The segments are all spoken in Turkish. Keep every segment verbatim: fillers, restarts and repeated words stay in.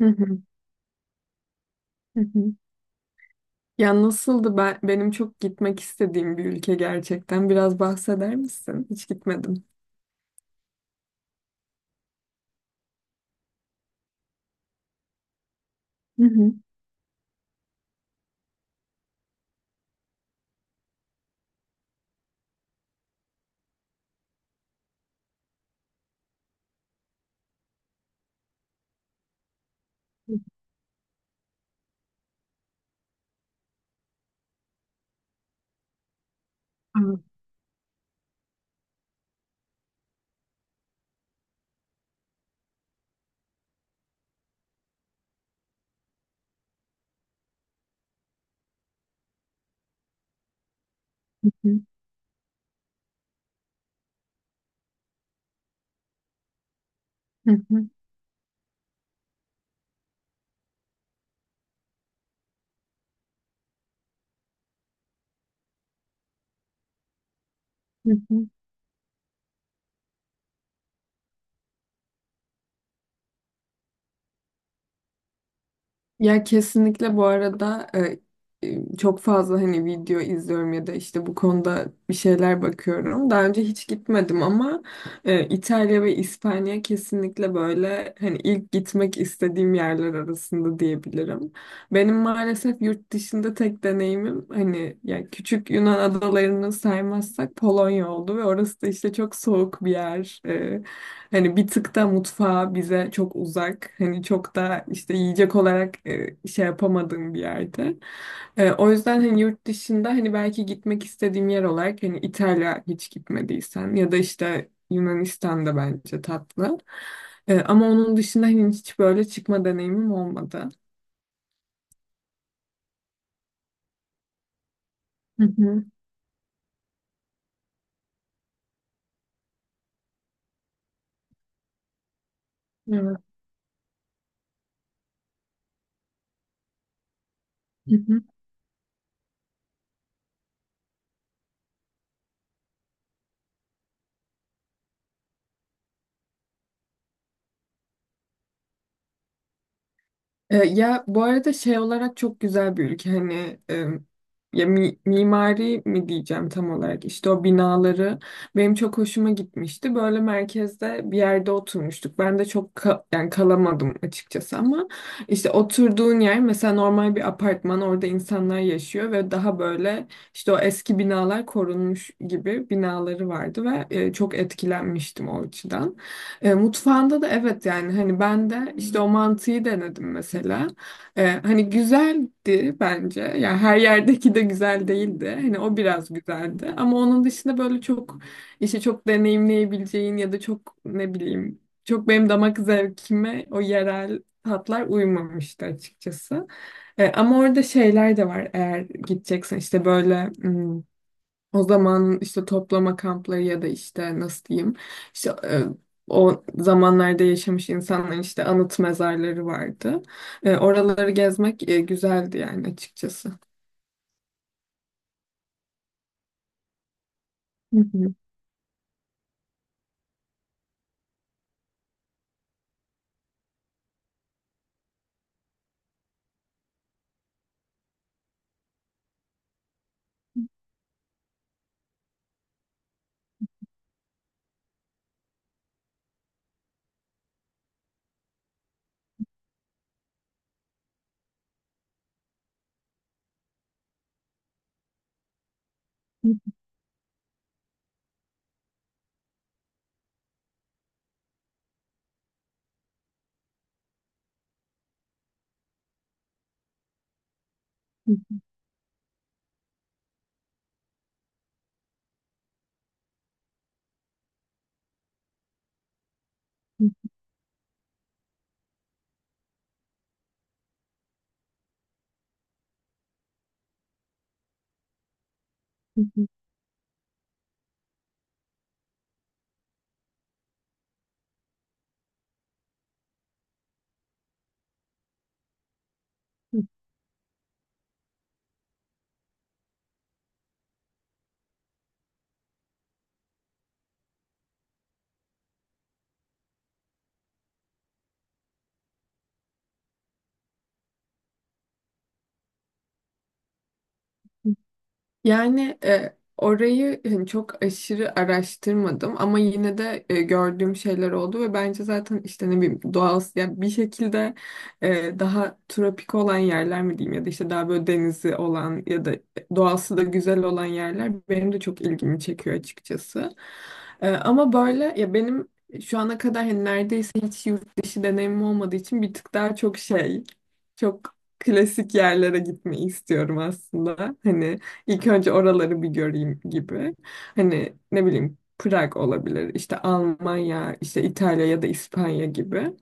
Hı hı, hı hı. Ya nasıldı ben, benim çok gitmek istediğim bir ülke gerçekten. Biraz bahseder misin? Hiç gitmedim. Hı hı, hı hı, hı hı, hı hı. Ya kesinlikle bu arada e, e, çok fazla hani video izliyorum ya da işte bu konuda bir şeyler bakıyorum. Daha önce hiç gitmedim ama e, İtalya ve İspanya kesinlikle böyle hani ilk gitmek istediğim yerler arasında diyebilirim. Benim maalesef yurt dışında tek deneyimim hani ya küçük Yunan adalarını saymazsak Polonya oldu ve orası da işte çok soğuk bir yer. E, Hani bir tık da mutfağı bize çok uzak. Hani çok da işte yiyecek olarak e, şey yapamadığım bir yerde. E, o yüzden hani yurt dışında hani belki gitmek istediğim yer olarak hani İtalya hiç gitmediysen ya da işte Yunanistan da bence tatlı. E, ama onun dışında hani hiç böyle çıkma deneyimim olmadı. Hı hı, evet. E, ya bu arada şey olarak çok güzel bir ülke hani e, ya mi- mimari mi diyeceğim tam olarak işte o binaları benim çok hoşuma gitmişti. Böyle merkezde bir yerde oturmuştuk. Ben de çok ka- yani kalamadım açıkçası ama işte oturduğun yer mesela normal bir apartman orada insanlar yaşıyor ve daha böyle işte o eski binalar korunmuş gibi binaları vardı ve e, çok etkilenmiştim o açıdan. E, mutfağında da evet yani hani ben de işte o mantıyı denedim mesela. E, hani güzeldi bence. Yani her yerdeki de güzel değildi. Hani o biraz güzeldi. Ama onun dışında böyle çok işte çok deneyimleyebileceğin ya da çok ne bileyim çok benim damak zevkime o yerel tatlar uymamıştı açıkçası. E, ama orada şeyler de var eğer gideceksen işte böyle o zaman işte toplama kampları ya da işte nasıl diyeyim işte e, o zamanlarda yaşamış insanların işte anıt mezarları vardı. E, oraları gezmek e, güzeldi yani açıkçası. Hı hı. Yani e, orayı hani çok aşırı araştırmadım ama yine de e, gördüğüm şeyler oldu ve bence zaten işte ne bileyim doğal yani bir şekilde e, daha tropik olan yerler mi diyeyim ya da işte daha böyle denizi olan ya da e, doğası da güzel olan yerler benim de çok ilgimi çekiyor açıkçası. E, ama böyle ya benim şu ana kadar hani neredeyse hiç yurt dışı deneyimim olmadığı için bir tık daha çok şey çok klasik yerlere gitmeyi istiyorum aslında. Hani İlk önce oraları bir göreyim gibi. Hani ne bileyim Prag olabilir, işte Almanya, işte İtalya ya da İspanya gibi.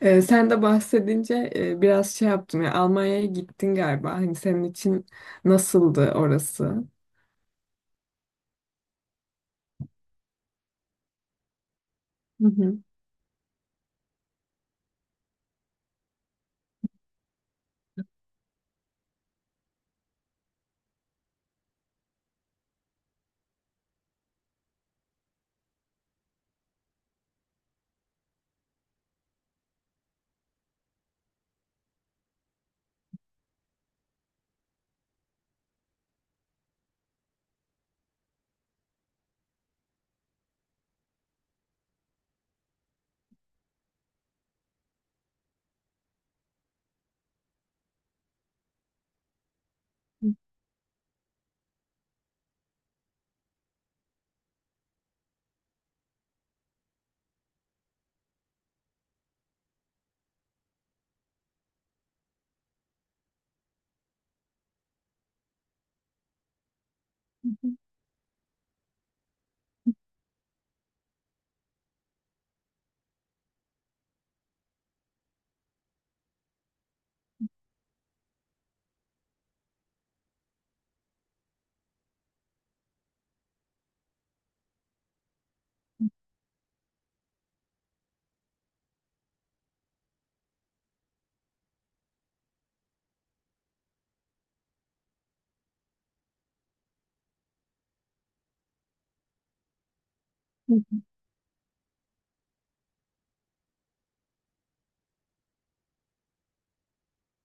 Ee, sen de bahsedince e, biraz şey yaptım ya Almanya'ya gittin galiba. Hani senin için nasıldı orası? Hı hı.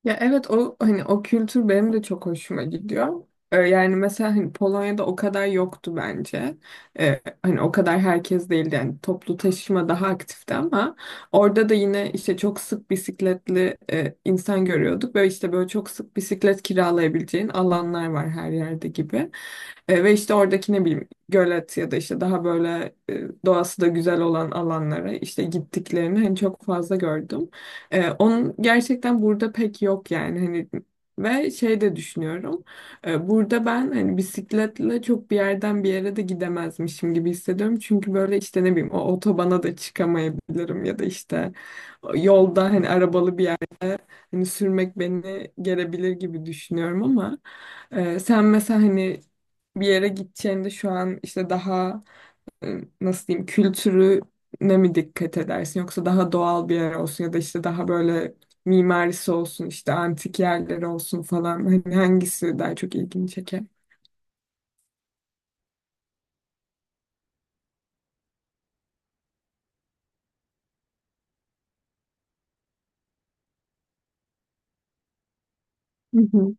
Ya evet o hani o kültür benim de çok hoşuma gidiyor. Ee, yani mesela hani Polonya'da o kadar yoktu bence. Ee, hani o kadar herkes değildi yani toplu taşıma daha aktifti ama orada da yine işte çok sık bisikletli e, insan görüyorduk ve işte böyle çok sık bisiklet kiralayabileceğin alanlar var her yerde gibi. E, ve işte oradaki ne bileyim gölet ya da işte daha böyle e, doğası da güzel olan alanlara işte gittiklerini hani çok fazla gördüm. Ee, onun gerçekten burada pek yok yani hani ve şey de düşünüyorum. Ee, burada ben hani bisikletle çok bir yerden bir yere de gidemezmişim gibi hissediyorum. Çünkü böyle işte ne bileyim o otobana da çıkamayabilirim ya da işte yolda hani arabalı bir Hani sürmek beni gelebilir gibi düşünüyorum ama e, sen mesela hani bir yere gideceğinde şu an işte daha e, nasıl diyeyim kültürüne mi dikkat edersin yoksa daha doğal bir yer olsun ya da işte daha böyle mimarisi olsun işte antik yerleri olsun falan hani hangisi daha çok ilgini çeker? Hı hı.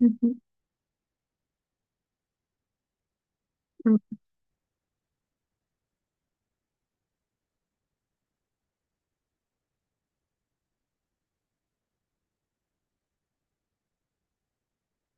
Hı hı.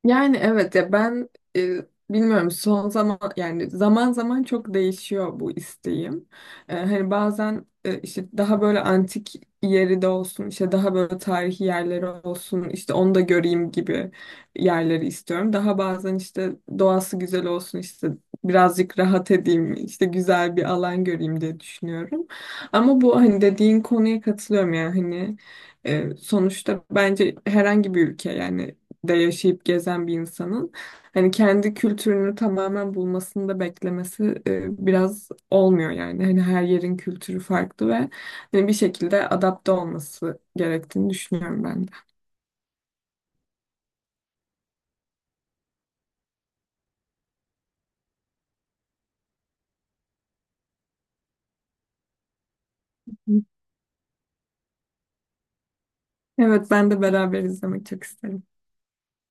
Yani evet ya ben e, bilmiyorum son zaman yani zaman zaman çok değişiyor bu isteğim. E, hani bazen e, işte daha böyle antik yeri de olsun işte daha böyle tarihi yerleri olsun işte onu da göreyim gibi yerleri istiyorum. Daha bazen işte doğası güzel olsun işte birazcık rahat edeyim işte güzel bir alan göreyim diye düşünüyorum. Ama bu hani dediğin konuya katılıyorum yani hani e, sonuçta bence herhangi bir ülke yani de yaşayıp gezen bir insanın hani kendi kültürünü tamamen bulmasını da beklemesi e, biraz olmuyor yani. Hani her yerin kültürü farklı ve hani bir şekilde adapte olması gerektiğini düşünüyorum ben de. Evet ben de beraber izlemek çok isterim.